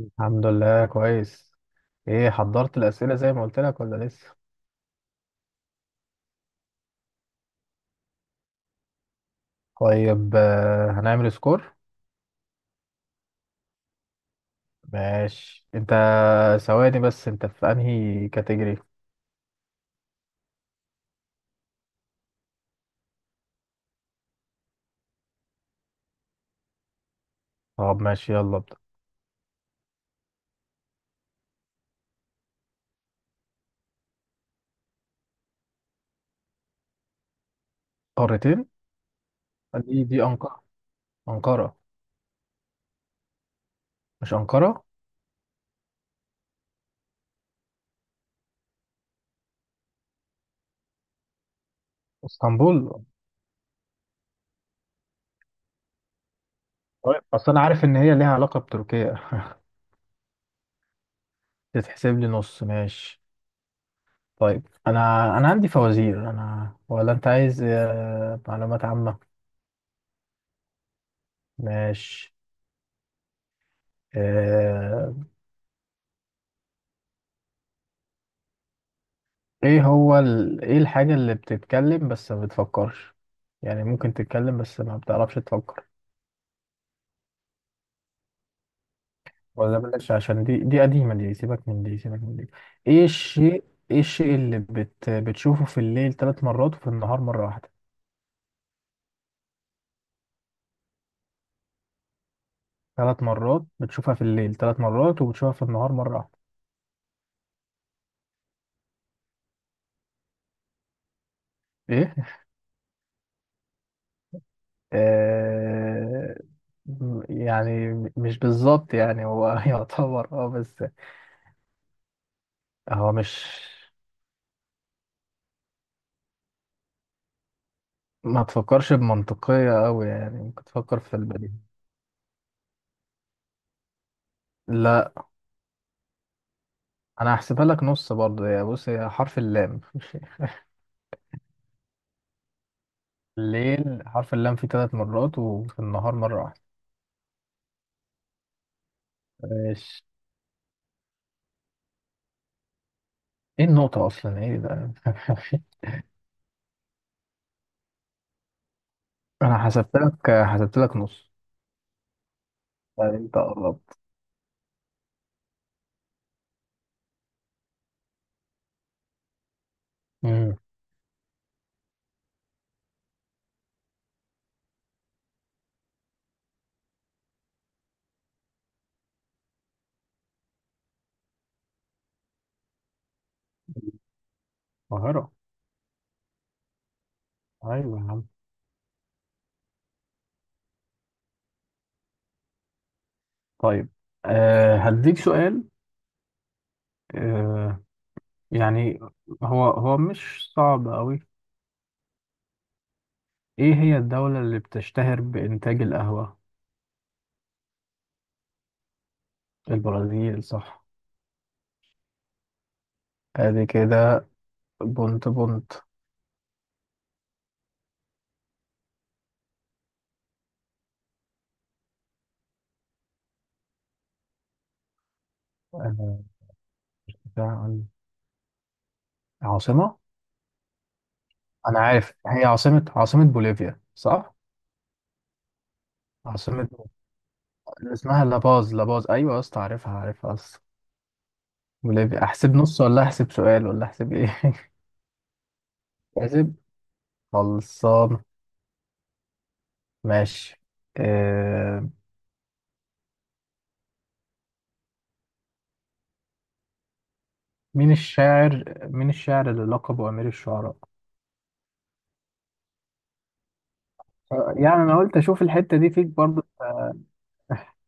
الحمد لله كويس. ايه حضرت الأسئلة زي ما قلت لك ولا لسه؟ طيب هنعمل سكور. ماشي انت. ثواني بس انت في انهي كاتيجوري؟ طب ماشي يلا ابدأ. قارتين. دي أنقرة. أنقرة. مش أنقرة. اسطنبول. طيب اصل انا عارف ان هي ليها علاقة بتركيا. تتحسب لي نص ماشي. طيب انا عندي فوازير. انا ولا انت عايز معلومات عامة؟ ماشي. آه، ايه هو ايه الحاجة اللي بتتكلم بس ما بتفكرش؟ يعني ممكن تتكلم بس ما بتعرفش تفكر. ولا بلاش عشان دي قديمة. دي سيبك من دي سيبك من دي. ايه الشيء؟ ايه الشيء اللي بتشوفه في الليل ثلاث مرات وفي النهار مرة واحدة؟ ثلاث مرات بتشوفها في الليل ثلاث مرات وبتشوفها في النهار مرة واحدة. ايه؟ آه... يعني مش بالظبط يعني هو يعتبر بس. هو مش. ما تفكرش بمنطقية أوي يعني ممكن تفكر في البديهي. لا. انا هحسبها لك نص برضه يا بص هي حرف اللام. الليل حرف اللام فيه ثلاث مرات وفي النهار مرة واحدة. ماشي. ايه النقطة اصلا ايه ده. انا حسبت لك نص. طيب انت قربت. امم القاهرة. ايوه يا عم. طيب. هديك سؤال. أه يعني هو مش صعب قوي. ايه هي الدولة اللي بتشتهر بإنتاج القهوة؟ البرازيل صح. ادي كده. بونت بونت. آه، عن. عاصمة. أنا عارف هي عاصمة بوليفيا صح؟ عاصمة. اللي اسمها لاباز لاباز أيوة يا اسطى عارفها عارفها أصلا. بوليفيا أحسب نص ولا أحسب سؤال ولا أحسب إيه؟ أحسب. خلصان. ماشي. آه... مين الشاعر اللي لقبه أمير الشعراء؟ يعني أنا قلت أشوف الحتة دي فيك برضه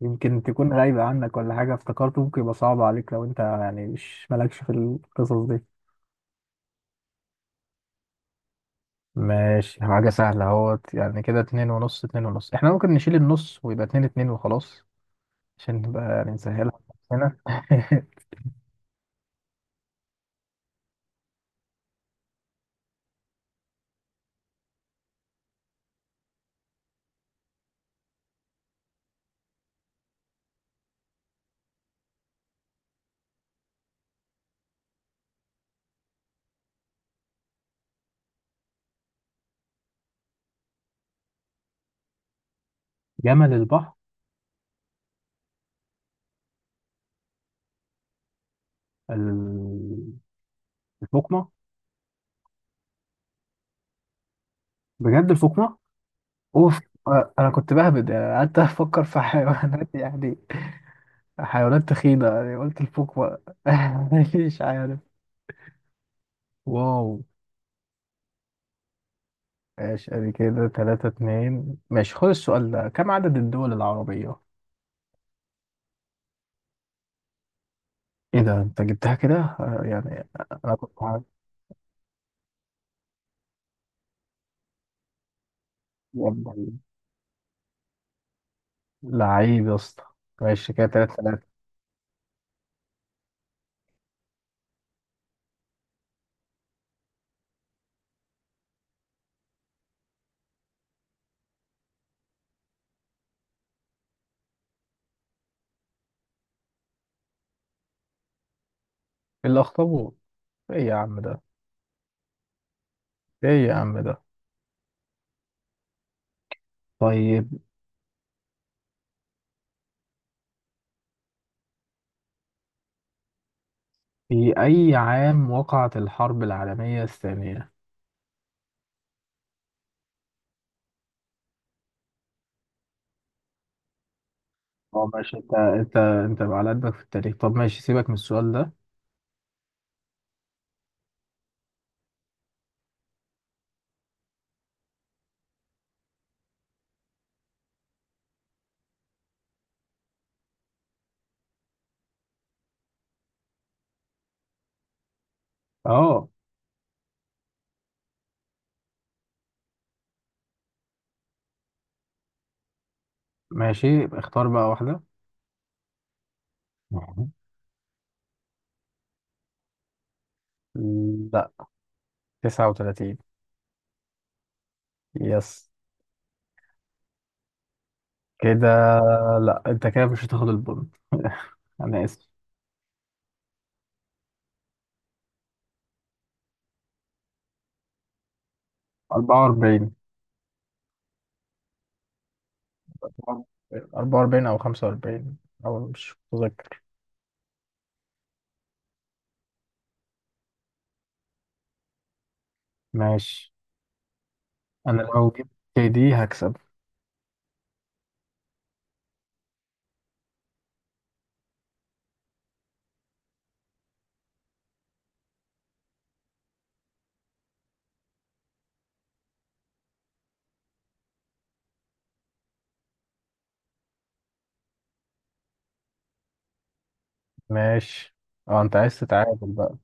يمكن تكون غايبة عنك ولا حاجة افتكرته ممكن يبقى صعب عليك لو أنت يعني مش مالكش في القصص دي. ماشي حاجة سهلة اهوت يعني كده اتنين ونص. احنا ممكن نشيل النص ويبقى اتنين اتنين وخلاص. عشان نبقى يعني نسهلها. هنا. جمل البحر. ال- الفقمة. بجد الفقمة. اوف. انا كنت بهبد يعني قعدت افكر في حيوانات يعني حيوانات تخينة يعني قلت الفقمة. مش عارف. واو. ماشي ادي كده تلاتة اتنين ماشي خد السؤال ده كم عدد الدول العربية؟ ايه ده انت جبتها كده؟ يعني انا كنت. يلا. لعيب يا اسطى. ماشي كده تلاتة تلاتة. إيه الأخطبوط. ايه يا عم ده. ايه يا عم ده. طيب. في أي عام وقعت الحرب العالمية الثانية؟ اه ماشي انت بقى على قدك في التاريخ. طب ماشي سيبك من السؤال ده. اه ماشي يبقى اختار بقى واحدة مهم. لا. 39. يس كده. لا انت كده مش هتاخد البونت. انا اسف. 44. 44 او 45 او مش متذكر. ماشي. انا لو جبت دي هكسب. ماشي. اه انت عايز تتعادل بقى.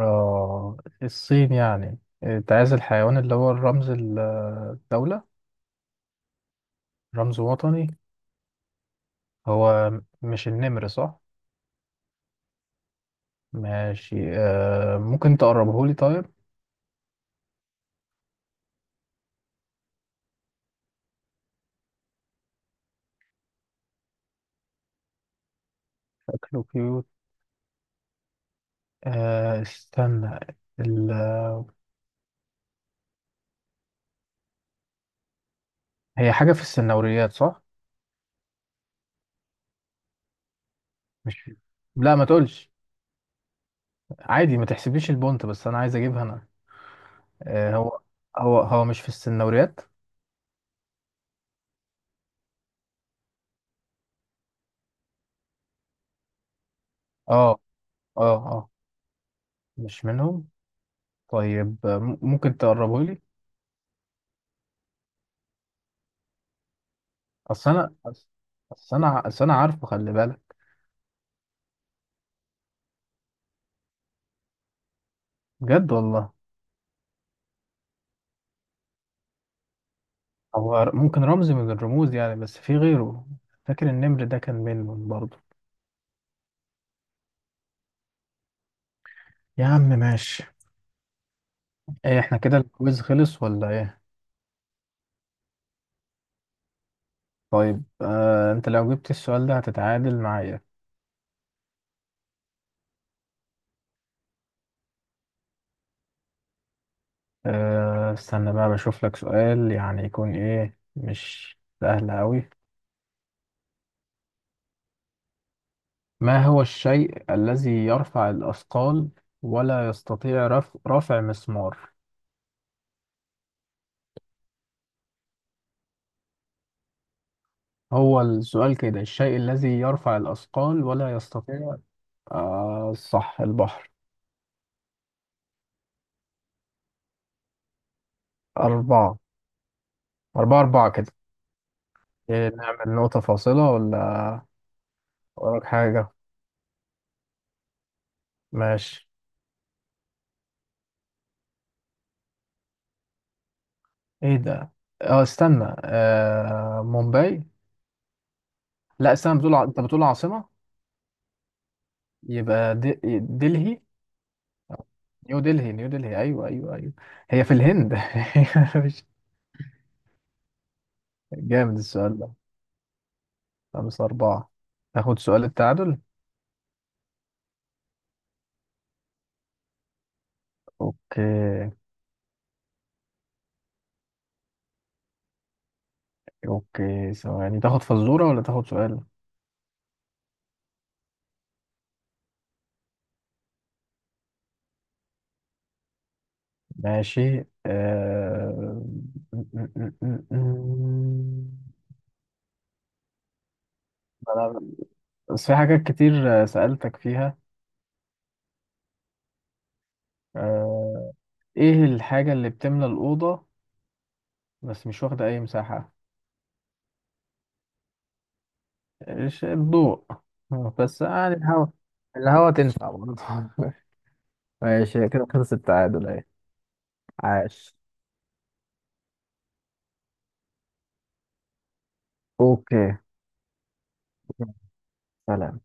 اه الصين يعني انت عايز الحيوان اللي هو الرمز الدولة. رمز وطني. هو. مش النمر صح؟ ماشي ممكن تقربه لي طيب. شكله كيوت. استنى ال... هي حاجة في السنوريات صح؟ مش. لا ما تقولش. عادي ما تحسبليش البونت بس انا عايز اجيبها انا. هو هو مش في السنوريات. اه اه اه. مش منهم. طيب ممكن تقربه لي. اصل انا اصل انا عارفه خلي بالك. بجد والله. هو ممكن رمز من الرموز يعني بس في غيره. فاكر النمر ده كان منهم برضه. يا عم ماشي. ايه احنا كده الكويز خلص ولا ايه؟ طيب انت لو جبت السؤال ده هتتعادل معايا. استنى بقى بشوف لك سؤال يعني يكون ايه مش سهل قوي. ما هو الشيء الذي يرفع الاثقال ولا يستطيع رفع مسمار. هو السؤال كده الشيء الذي يرفع الأثقال ولا يستطيع. آه صح البحر. أربعة. أربعة أربعة كده. إيه، نعمل نقطة فاصلة ولا؟ وراك حاجة. ماشي. إيه ده. استنى مومباي. لا استنى بتقول أنت بتقول عاصمة. يبقى دلهي. نيو دلهي نيو دلهي أيوه أيوه أيوه. هي في الهند. مش- جامد السؤال ده. خمسة أربعة. ناخد سؤال التعادل. أوكي. اوكي ثواني تاخد فزورة ولا تاخد سؤال؟ ماشي. أنا. بس في حاجات كتير سألتك فيها. آه... ايه الحاجة اللي بتملى الأوضة بس مش واخدة أي مساحة؟ ايش الضوء. بس يعني الهوا. الهوا تنفع برضه. ماشي كده خلص التعادل اهي. عاش. اوكي. سلام.